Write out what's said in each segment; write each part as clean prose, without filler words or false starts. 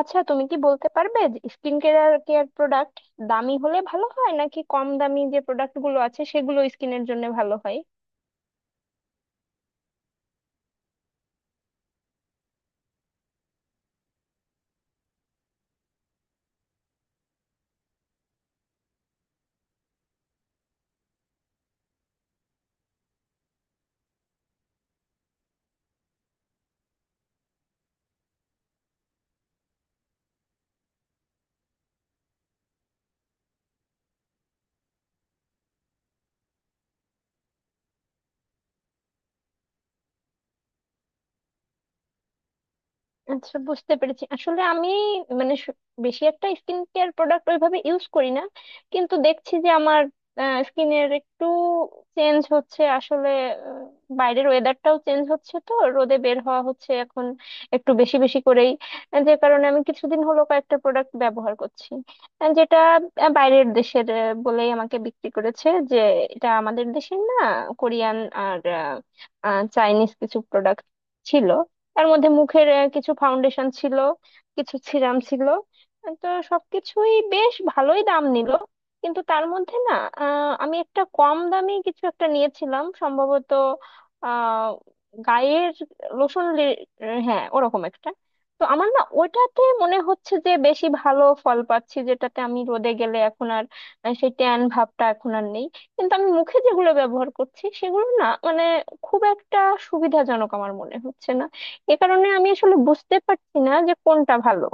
আচ্ছা, তুমি কি বলতে পারবে স্কিন কেয়ার কেয়ার প্রোডাক্ট দামি হলে ভালো হয় নাকি কম দামি যে প্রোডাক্ট গুলো আছে সেগুলো স্কিনের জন্য ভালো হয়? আচ্ছা, বুঝতে পেরেছি। আসলে আমি মানে বেশি একটা স্কিন কেয়ার প্রোডাক্ট ওইভাবে ইউজ করি না। কিন্তু দেখছি যে আমার স্কিনের একটু চেঞ্জ হচ্ছে আসলে। আহ, বাইরের ওয়েদারটাও চেঞ্জ হচ্ছে, তো রোদে বের হওয়া হচ্ছে এখন একটু বেশি বেশি করেই। যে কারণে আমি কিছুদিন হলো কয়েকটা প্রোডাক্ট ব্যবহার করছি। যেটা বাইরের দেশের বলেই আমাকে বিক্রি করেছে যে এটা আমাদের দেশের না। কোরিয়ান আর আহ, আহ, চাইনিজ কিছু প্রোডাক্ট ছিল। তার মধ্যে মুখের কিছু ফাউন্ডেশন ছিল, কিছু সিরাম ছিল। তো সবকিছুই বেশ ভালোই দাম নিল। কিন্তু তার মধ্যে না, আমি একটা কম দামি কিছু একটা নিয়েছিলাম সম্ভবত, আহ গায়ের লোশন হ্যাঁ, ওরকম একটা। তো আমার না ওটাতে মনে হচ্ছে যে বেশি ভালো ফল পাচ্ছি, যেটাতে আমি রোদে গেলে এখন আর সেই ট্যান ভাবটা এখন আর নেই। কিন্তু আমি মুখে যেগুলো ব্যবহার করছি সেগুলো না, মানে খুব একটা সুবিধাজনক আমার মনে হচ্ছে না। এ কারণে আমি আসলে বুঝতে পারছি না যে কোনটা ভালো।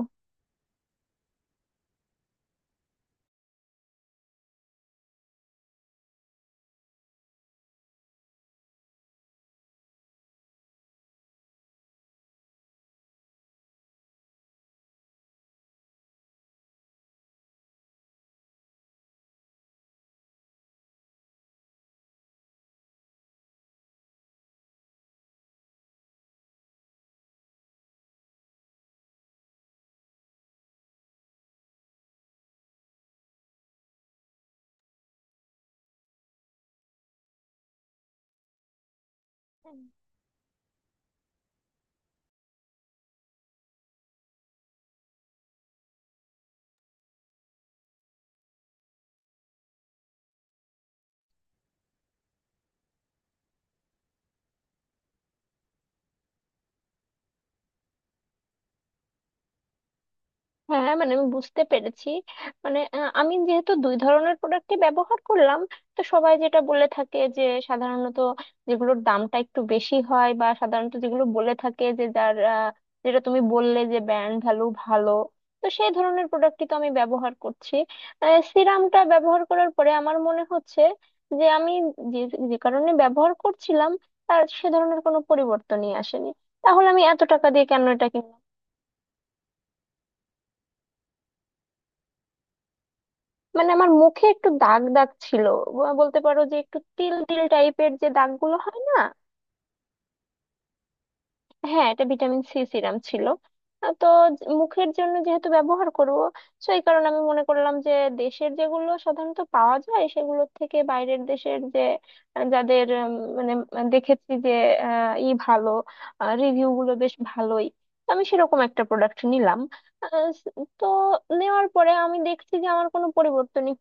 হ্যাঁ, মানে আমি বুঝতে পেরেছি। মানে আমি যেহেতু দুই ধরনের প্রোডাক্টই ব্যবহার করলাম, তো সবাই যেটা বলে থাকে যে সাধারণত যেগুলোর দামটা একটু বেশি হয় বা সাধারণত যেগুলো বলে থাকে যে যার যেটা তুমি বললে যে ব্র্যান্ড ভ্যালু ভালো, তো সেই ধরনের প্রোডাক্টই তো আমি ব্যবহার করছি। সিরামটা ব্যবহার করার পরে আমার মনে হচ্ছে যে আমি যে যে কারণে ব্যবহার করছিলাম তার সে ধরনের কোনো পরিবর্তনই আসেনি। তাহলে আমি এত টাকা দিয়ে কেন এটা কিনলাম? মানে আমার মুখে একটু দাগ দাগ ছিল। বলতে পারো যে একটু তিল তিল টাইপের যে দাগগুলো হয় না। হ্যাঁ, এটা ভিটামিন সি সিরাম ছিল। তো মুখের জন্য যেহেতু ব্যবহার করব, তো এই কারণে আমি মনে করলাম যে দেশের যেগুলো সাধারণত পাওয়া যায় সেগুলোর থেকে বাইরের দেশের যে যাদের মানে দেখেছি যে ই ভালো রিভিউ গুলো বেশ ভালোই, তো আমি সেরকম একটা প্রোডাক্ট নিলাম। আহ, তো নেওয়ার পরে আমি দেখছি যে আমার কোনো পরিবর্তনই।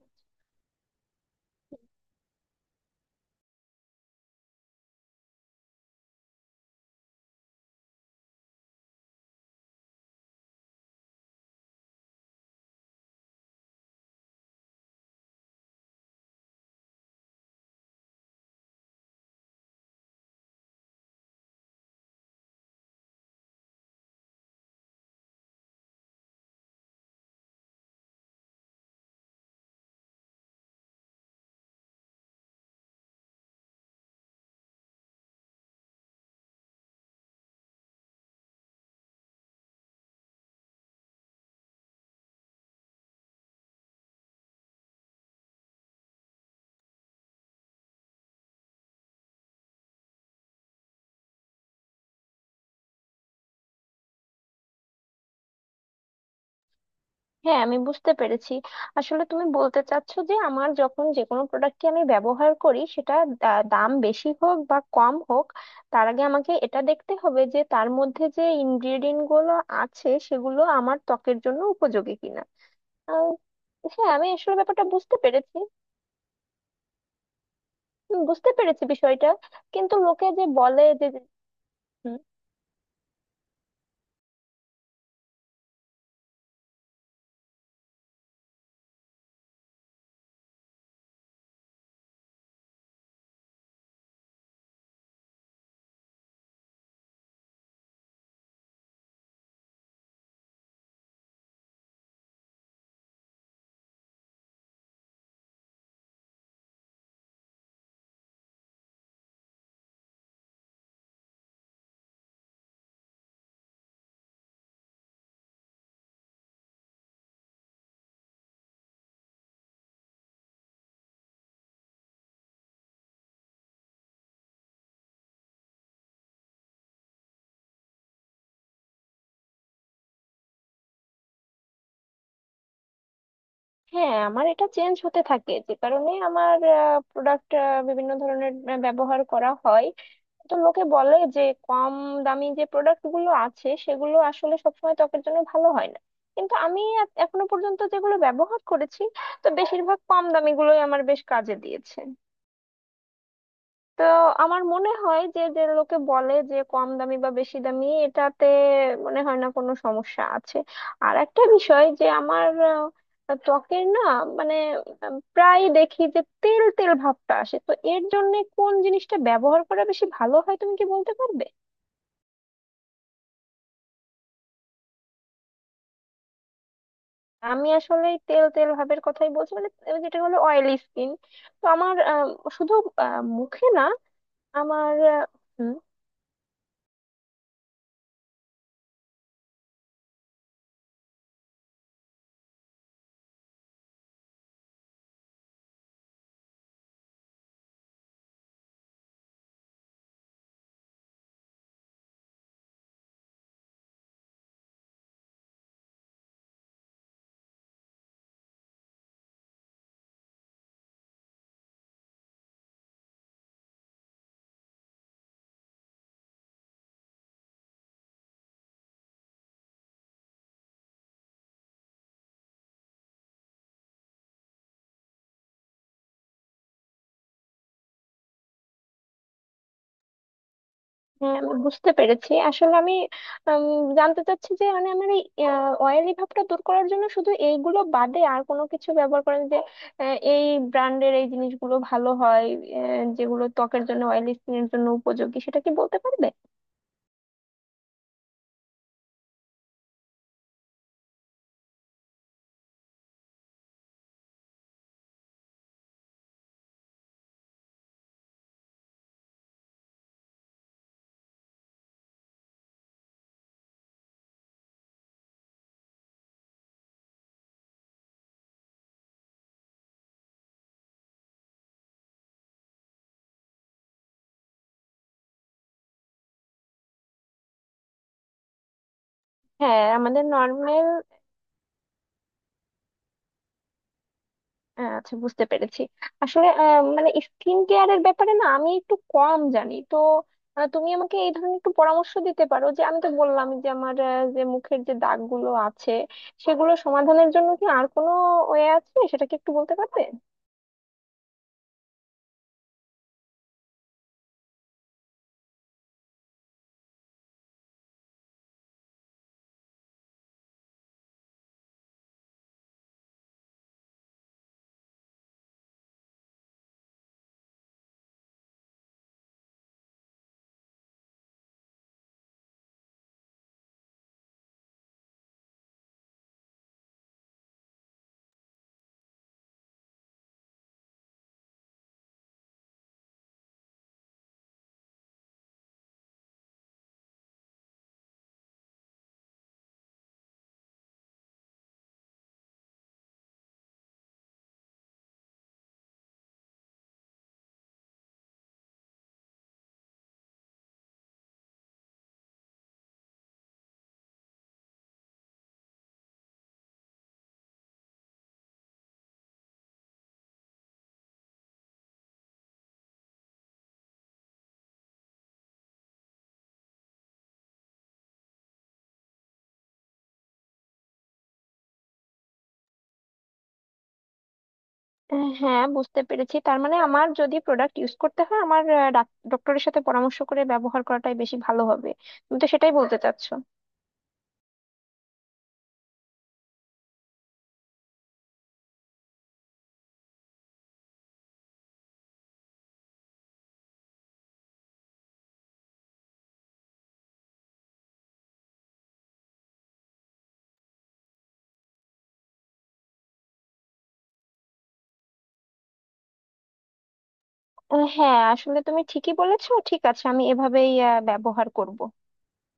হ্যাঁ, আমি বুঝতে পেরেছি। আসলে তুমি বলতে চাচ্ছো যে আমার যখন যে কোনো প্রোডাক্টকে আমি ব্যবহার করি, সেটা দাম বেশি হোক বা কম হোক, তার আগে আমাকে এটা দেখতে হবে যে তার মধ্যে যে ইনগ্রেডিয়েন্ট গুলো আছে সেগুলো আমার ত্বকের জন্য উপযোগী কিনা। আহ, হ্যাঁ, আমি আসলে ব্যাপারটা বুঝতে পেরেছি। বুঝতে পেরেছি বিষয়টা। কিন্তু লোকে যে বলে যে। হুম। হ্যাঁ, আমার এটা চেঞ্জ হতে থাকে, যে কারণে আমার প্রোডাক্ট বিভিন্ন ধরনের ব্যবহার করা হয়। তো লোকে বলে যে কম দামি যে প্রোডাক্ট গুলো আছে সেগুলো আসলে সবসময় ত্বকের জন্য ভালো হয় না। কিন্তু আমি এখনো পর্যন্ত যেগুলো ব্যবহার করেছি, তো বেশিরভাগ কম দামি গুলোই আমার বেশ কাজে দিয়েছে। তো আমার মনে হয় যে যে লোকে বলে যে কম দামি বা বেশি দামি, এটাতে মনে হয় না কোনো সমস্যা আছে। আর একটা বিষয় যে আমার ত্বকের না, মানে প্রায় দেখি যে তেল তেল ভাবটা আসে, তো এর জন্য কোন জিনিসটা ব্যবহার করা বেশি ভালো হয় তুমি কি বলতে পারবে? আমি আসলে এই তেল তেল ভাবের কথাই বলছি, মানে ওই যেটা হলো অয়েলি স্কিন। তো আমার শুধু মুখে না, আমার হুম। হ্যাঁ, আমি বুঝতে পেরেছি। আসলে আমি উম, জানতে চাচ্ছি যে, মানে আমার এই অয়েলি ভাবটা দূর করার জন্য শুধু এইগুলো বাদে আর কোনো কিছু ব্যবহার করেন যে এই ব্র্যান্ডের এই জিনিসগুলো ভালো হয়, যেগুলো ত্বকের জন্য, অয়েলি স্কিনের জন্য উপযোগী, সেটা কি বলতে পারবে? হ্যাঁ, আমাদের নর্মাল। আচ্ছা, বুঝতে পেরেছি। আসলে মানে স্কিন কেয়ারের ব্যাপারে না আমি একটু কম জানি, তো তুমি আমাকে এই ধরনের একটু পরামর্শ দিতে পারো যে আমি তো বললাম যে আমার যে মুখের যে দাগগুলো আছে সেগুলো সমাধানের জন্য কি আর কোনো ওয়ে আছে, সেটা কি একটু বলতে পারবে? হ্যাঁ, বুঝতে পেরেছি। তার মানে আমার যদি প্রোডাক্ট ইউজ করতে হয়, আমার ডক্টরের সাথে পরামর্শ করে ব্যবহার করাটাই বেশি ভালো হবে। তুমি তো সেটাই বলতে চাচ্ছো। হ্যাঁ, আসলে তুমি ঠিকই বলেছো। ঠিক আছে, আমি এভাবেই ব্যবহার করব।